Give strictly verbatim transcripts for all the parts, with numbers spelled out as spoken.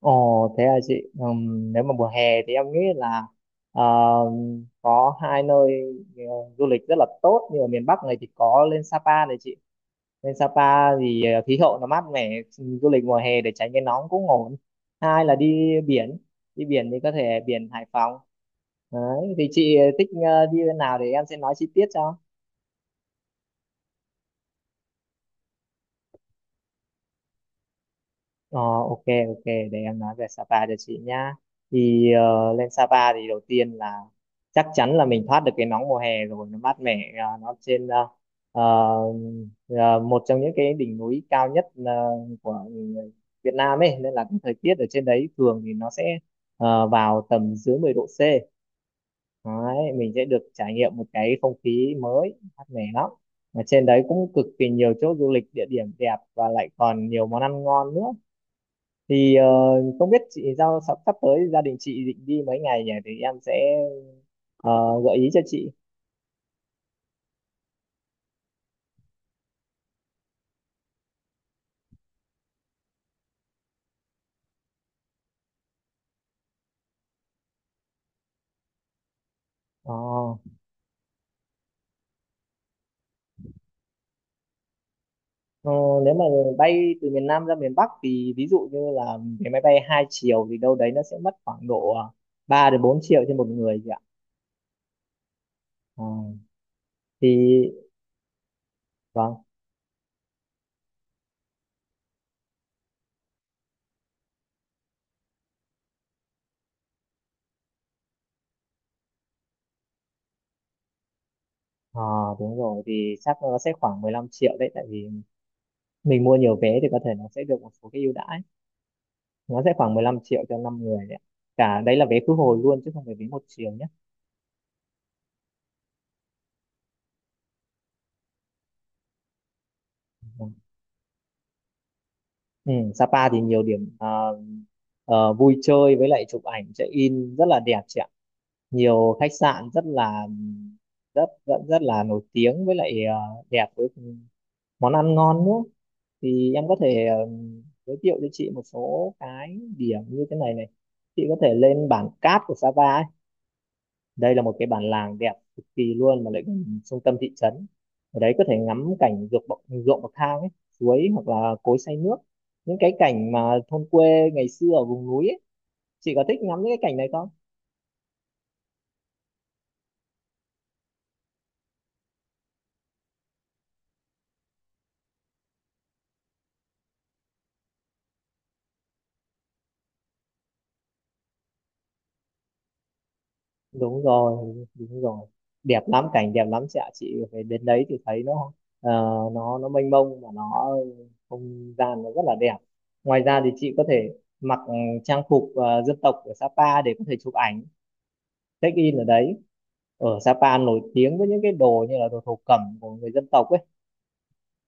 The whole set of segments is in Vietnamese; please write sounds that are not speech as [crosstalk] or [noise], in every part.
Ồ, thế à chị. Ừm, nếu mà mùa hè thì em nghĩ là ờ, có hai nơi ờ, du lịch rất là tốt. Như ở miền Bắc này thì có lên Sapa này chị, lên Sapa thì ờ, khí hậu nó mát mẻ, du lịch mùa hè để tránh cái nóng cũng ổn. Hai là đi biển, đi biển thì có thể biển Hải Phòng. Đấy thì chị thích ờ, đi bên nào để em sẽ nói chi tiết cho. Ờ, ok, ok, để em nói về Sapa cho chị nhá. Thì ờ, lên Sapa thì đầu tiên là chắc chắn là mình thoát được cái nóng mùa hè rồi, nó mát mẻ. Ờ, nó trên ờ, ờ, ờ, Một trong những cái đỉnh núi cao nhất ờ, của Việt Nam ấy, nên là cái thời tiết ở trên đấy thường thì nó sẽ ờ, vào tầm dưới mười độ C. Đấy, mình sẽ được trải nghiệm một cái không khí mới mát mẻ lắm, mà trên đấy cũng cực kỳ nhiều chỗ du lịch địa điểm đẹp và lại còn nhiều món ăn ngon nữa. Thì ờ, không biết chị giao sắp sắp tới gia đình chị định đi mấy ngày nhỉ, thì em sẽ ờ, gợi ý cho chị. Ờ, ờ, Nếu mà bay từ miền Nam ra miền Bắc thì ví dụ như là cái máy bay hai chiều, thì đâu đấy nó sẽ mất khoảng độ ờ, ba đến bốn triệu trên một người chị ạ. Ờ, thì vâng. Ờ, đúng rồi, thì chắc nó sẽ khoảng mười lăm triệu đấy, tại vì mình mua nhiều vé thì có thể nó sẽ được một số cái ưu đãi, nó sẽ khoảng mười lăm triệu cho năm người đấy ạ. Cả đấy là vé khứ hồi luôn chứ không phải vé một chiều nhé. Vâng. Ừ, Sapa thì nhiều điểm à, ờ, vui chơi với lại chụp ảnh check in rất là đẹp chị ạ. Nhiều khách sạn rất là rất rất rất là nổi tiếng với lại ờ, đẹp với món ăn ngon nữa. Thì em có thể ờ, giới thiệu cho chị một số cái điểm như thế này này. Chị có thể lên bản Cát của Sapa ấy, đây là một cái bản làng đẹp cực kỳ luôn mà lại gần trung tâm thị trấn. Ở đấy có thể ngắm cảnh ruộng bậc ruộng bậc thang ấy, suối hoặc là cối xay nước, những cái cảnh mà thôn quê ngày xưa ở vùng núi ấy. Chị có thích ngắm những cái cảnh này không? Đúng rồi, đúng rồi, đẹp lắm, cảnh đẹp lắm chị ạ. Chị phải đến đấy thì thấy nó, ờ, nó nó mênh mông, và nó, không gian nó rất là đẹp. Ngoài ra thì chị có thể mặc ừ, trang phục ờ, dân tộc của Sapa để có thể chụp ảnh check in ở đấy. Ở Sapa nổi tiếng với những cái đồ như là đồ thổ cẩm của người dân tộc ấy,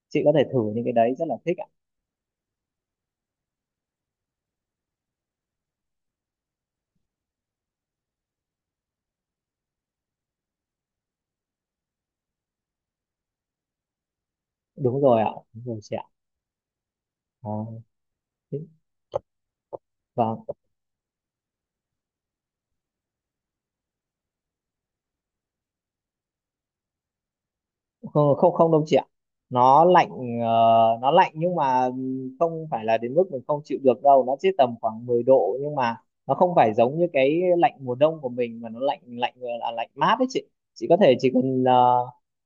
chị có thể thử những cái đấy rất là thích ạ. Đúng rồi ạ, đúng rồi chị ạ. à, Thích. Vâng. Không, không, không đâu chị ạ. nó lạnh ờ, nó lạnh nhưng mà không phải là đến mức mình không chịu được đâu, nó chỉ tầm khoảng mười độ, nhưng mà nó không phải giống như cái lạnh mùa đông của mình, mà nó lạnh, lạnh là lạnh mát đấy chị. Chị có thể chỉ cần ờ,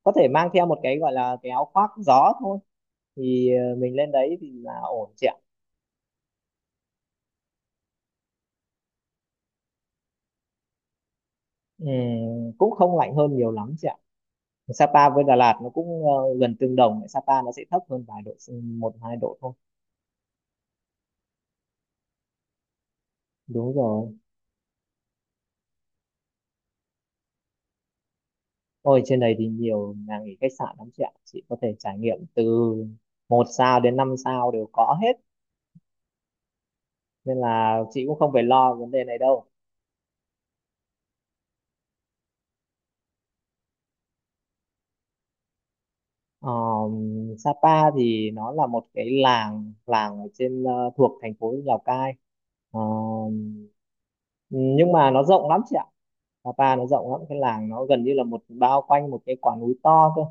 có thể mang theo một cái gọi là cái áo khoác gió thôi, thì ờ, mình lên đấy thì là ổn chị ạ. Ừ, cũng không lạnh hơn nhiều lắm chị ạ. Sapa với Đà Lạt nó cũng ờ, gần tương đồng, Sapa nó sẽ thấp hơn vài độ, ừ, một hai độ thôi. Đúng rồi. Ôi, trên này thì nhiều nhà nghỉ khách sạn lắm chị ạ, chị có thể trải nghiệm từ một sao đến năm sao đều có hết, nên là chị cũng không phải lo vấn đề này đâu. Ờ, Sapa thì nó là một cái làng làng ở trên, ờ, thuộc thành phố Lào Cai. Ờ, nhưng mà nó rộng lắm chị ạ, Sapa nó rộng lắm, cái làng nó gần như là một bao quanh một cái quả núi to cơ.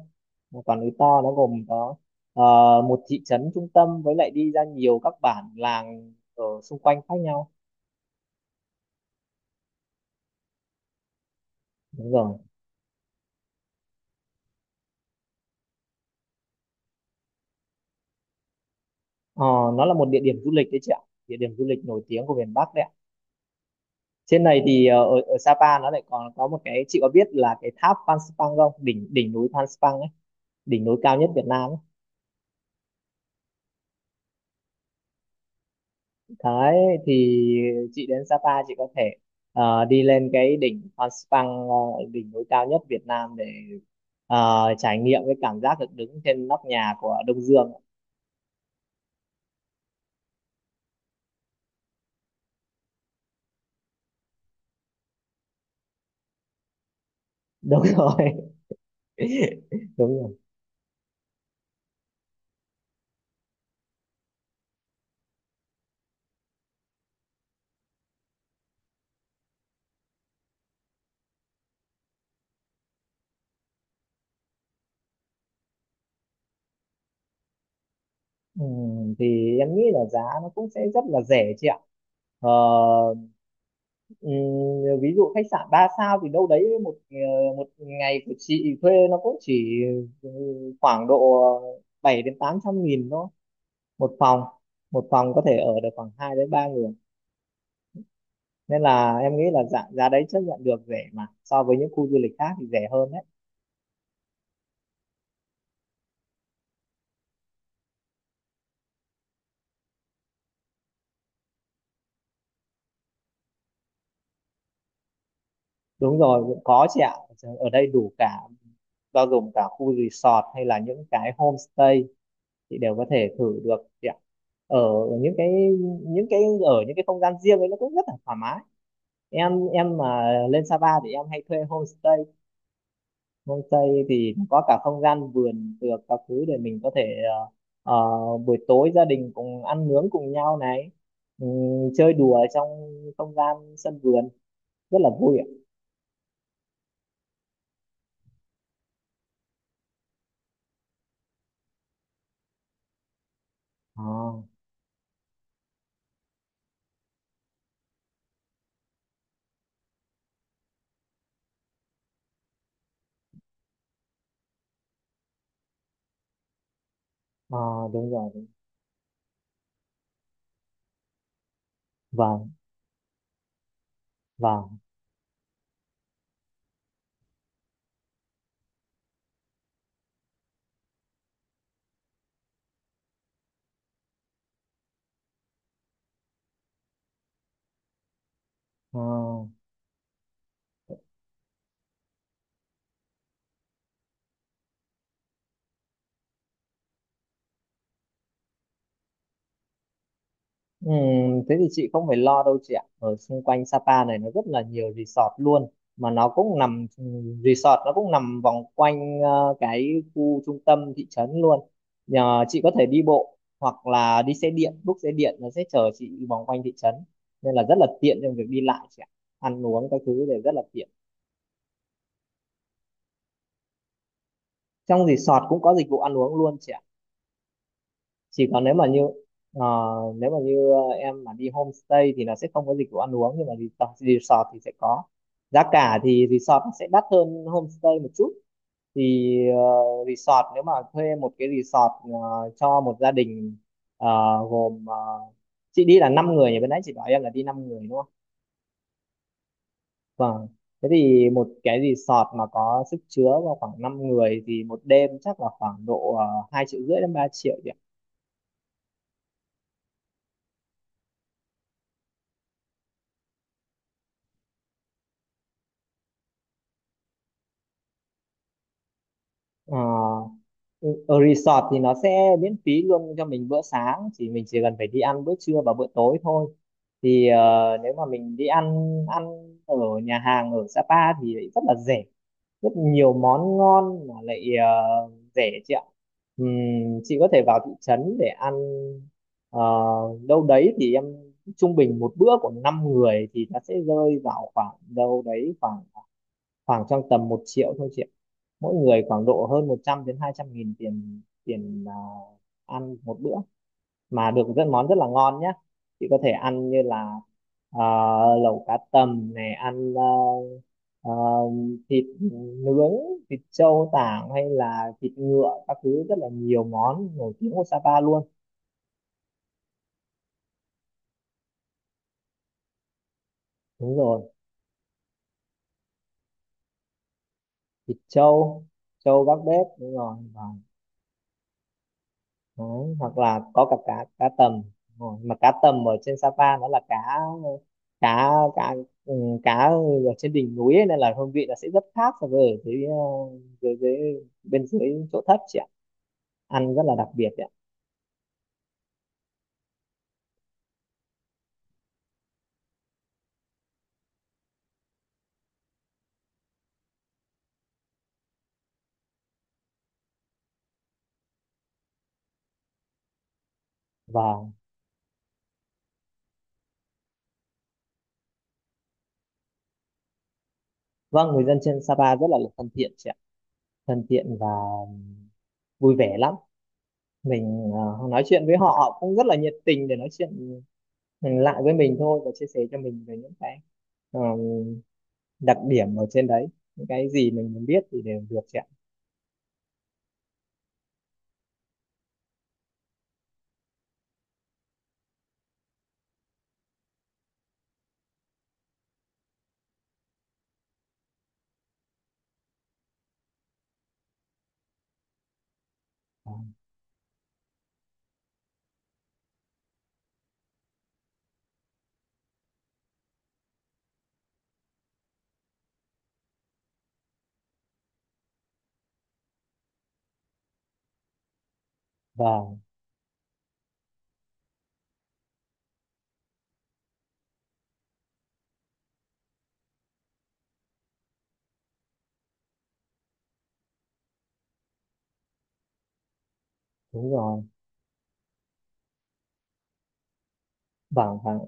Một quả núi to, nó gồm có ờ, một thị trấn trung tâm với lại đi ra nhiều các bản làng ở xung quanh khác nhau. Đúng rồi. Ờ, nó là một địa điểm du lịch đấy chị ạ, địa điểm du lịch nổi tiếng của miền Bắc đấy ạ. Trên này thì ờ, ở ở Sapa nó lại còn có một cái, chị có biết là cái tháp Phan Xipang không, đỉnh đỉnh núi Phan Xipang ấy, đỉnh núi cao nhất Việt Nam ấy. Đấy, thì chị đến Sapa chị có thể ờ, đi lên cái đỉnh Phan Xipang, ờ, đỉnh núi cao nhất Việt Nam để ờ, trải nghiệm cái cảm giác được đứng trên nóc nhà của Đông Dương. Đúng rồi. [laughs] Đúng rồi. Ừ, thì em nghĩ là giá nó cũng sẽ rất là rẻ chị ạ. Ờ, ừ, Ví dụ khách sạn ba sao thì đâu đấy một ờ, một ngày của chị thuê nó cũng chỉ ừ, khoảng độ bảy đến tám trăm nghìn thôi, một phòng. Một phòng có thể ở được khoảng hai đến ba người, nên là em nghĩ là giá, giá đấy chấp nhận được rẻ, mà so với những khu du lịch khác thì rẻ hơn đấy. Đúng rồi, cũng có chị ạ, ở đây đủ cả, bao gồm cả khu resort hay là những cái homestay, chị đều có thể thử được chị ạ. ở những cái những cái Ở những cái không gian riêng ấy nó cũng rất là thoải mái. Em em mà lên Sapa thì em hay thuê homestay. Homestay thì có cả không gian vườn được các thứ để mình có thể ờ, ờ, buổi tối gia đình cùng ăn nướng cùng nhau này, ừm, chơi đùa trong không gian sân vườn, rất là vui ạ. à, à, Đúng rồi. Vâng, vâng. À. Ừ, thế thì chị không phải lo đâu chị ạ. Ở xung quanh Sapa này nó rất là nhiều resort luôn, mà nó cũng nằm resort nó cũng nằm vòng quanh ờ, cái khu trung tâm thị trấn luôn. Nhờ chị có thể đi bộ hoặc là đi xe điện, book xe điện nó sẽ chở chị vòng quanh thị trấn, nên là rất là tiện trong việc đi lại chị ạ. Ăn uống các thứ đều rất là tiện. Trong resort cũng có dịch vụ ăn uống luôn chị ạ. Chỉ còn nếu mà như ờ, nếu mà như ờ, em mà đi homestay thì nó sẽ không có dịch vụ ăn uống, nhưng mà resort, resort thì sẽ có. Giá cả thì resort nó sẽ đắt hơn homestay một chút. Thì ờ, resort, nếu mà thuê một cái resort ờ, cho một gia đình, ờ, gồm ờ, chị đi là năm người nhỉ, bên nãy chị bảo em là đi năm người đúng không. Vâng. Thế thì một cái resort mà có sức chứa vào khoảng năm người thì một đêm chắc là khoảng độ uh, hai triệu rưỡi đến ba triệu nhỉ. Ờ. Ừ. Ở resort thì nó sẽ miễn phí luôn cho mình bữa sáng, chỉ mình chỉ cần phải đi ăn bữa trưa và bữa tối thôi. Thì ờ, nếu mà mình đi ăn ăn ở nhà hàng ở Sapa thì lại rất là rẻ, rất nhiều món ngon mà lại ờ, rẻ chị ạ. Ừm, chị có thể vào thị trấn để ăn, ờ, đâu đấy thì em, trung bình một bữa của năm người thì nó sẽ rơi vào khoảng đâu đấy khoảng khoảng trong tầm một triệu thôi chị ạ. Mỗi người khoảng độ hơn một trăm đến hai trăm nghìn tiền, tiền à, ăn một bữa mà được rất món rất là ngon nhé. Chị có thể ăn như là, à, lẩu cá tầm này, ăn à, à, thịt nướng, thịt trâu tảng hay là thịt ngựa các thứ, rất là nhiều món nổi tiếng của Sapa luôn. Đúng rồi. Thịt trâu trâu gác bếp đúng rồi. Đấy, hoặc là có cả cá cá tầm. Đúng rồi, mà cá tầm ở trên Sapa nó là cá cá cá ừ, cá ở trên đỉnh núi ấy, nên là hương vị nó sẽ rất khác so với ở dưới ờ, dưới dưới bên dưới chỗ thấp chị ạ, ăn rất là đặc biệt chị ạ. và vâng, người dân trên Sapa rất là thân thiện chị ạ, thân thiện và vui vẻ lắm. Mình ờ, nói chuyện với họ, họ cũng rất là nhiệt tình để nói chuyện ừ, lại với mình thôi, và chia sẻ cho mình về những cái đặc điểm ở trên đấy, những cái gì mình muốn biết thì đều được chị ạ. Vâng, vâng, đúng rồi, vâng, vâng,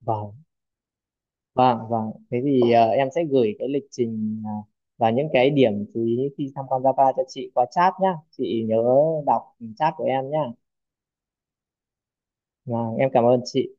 vâng, vâng, vâng. Thế thì ờ, em sẽ gửi cái lịch trình, à, và những cái điểm chú ý khi tham quan Java cho chị qua chat nhá, chị nhớ đọc chat của em nhá. Vâng, em cảm ơn chị.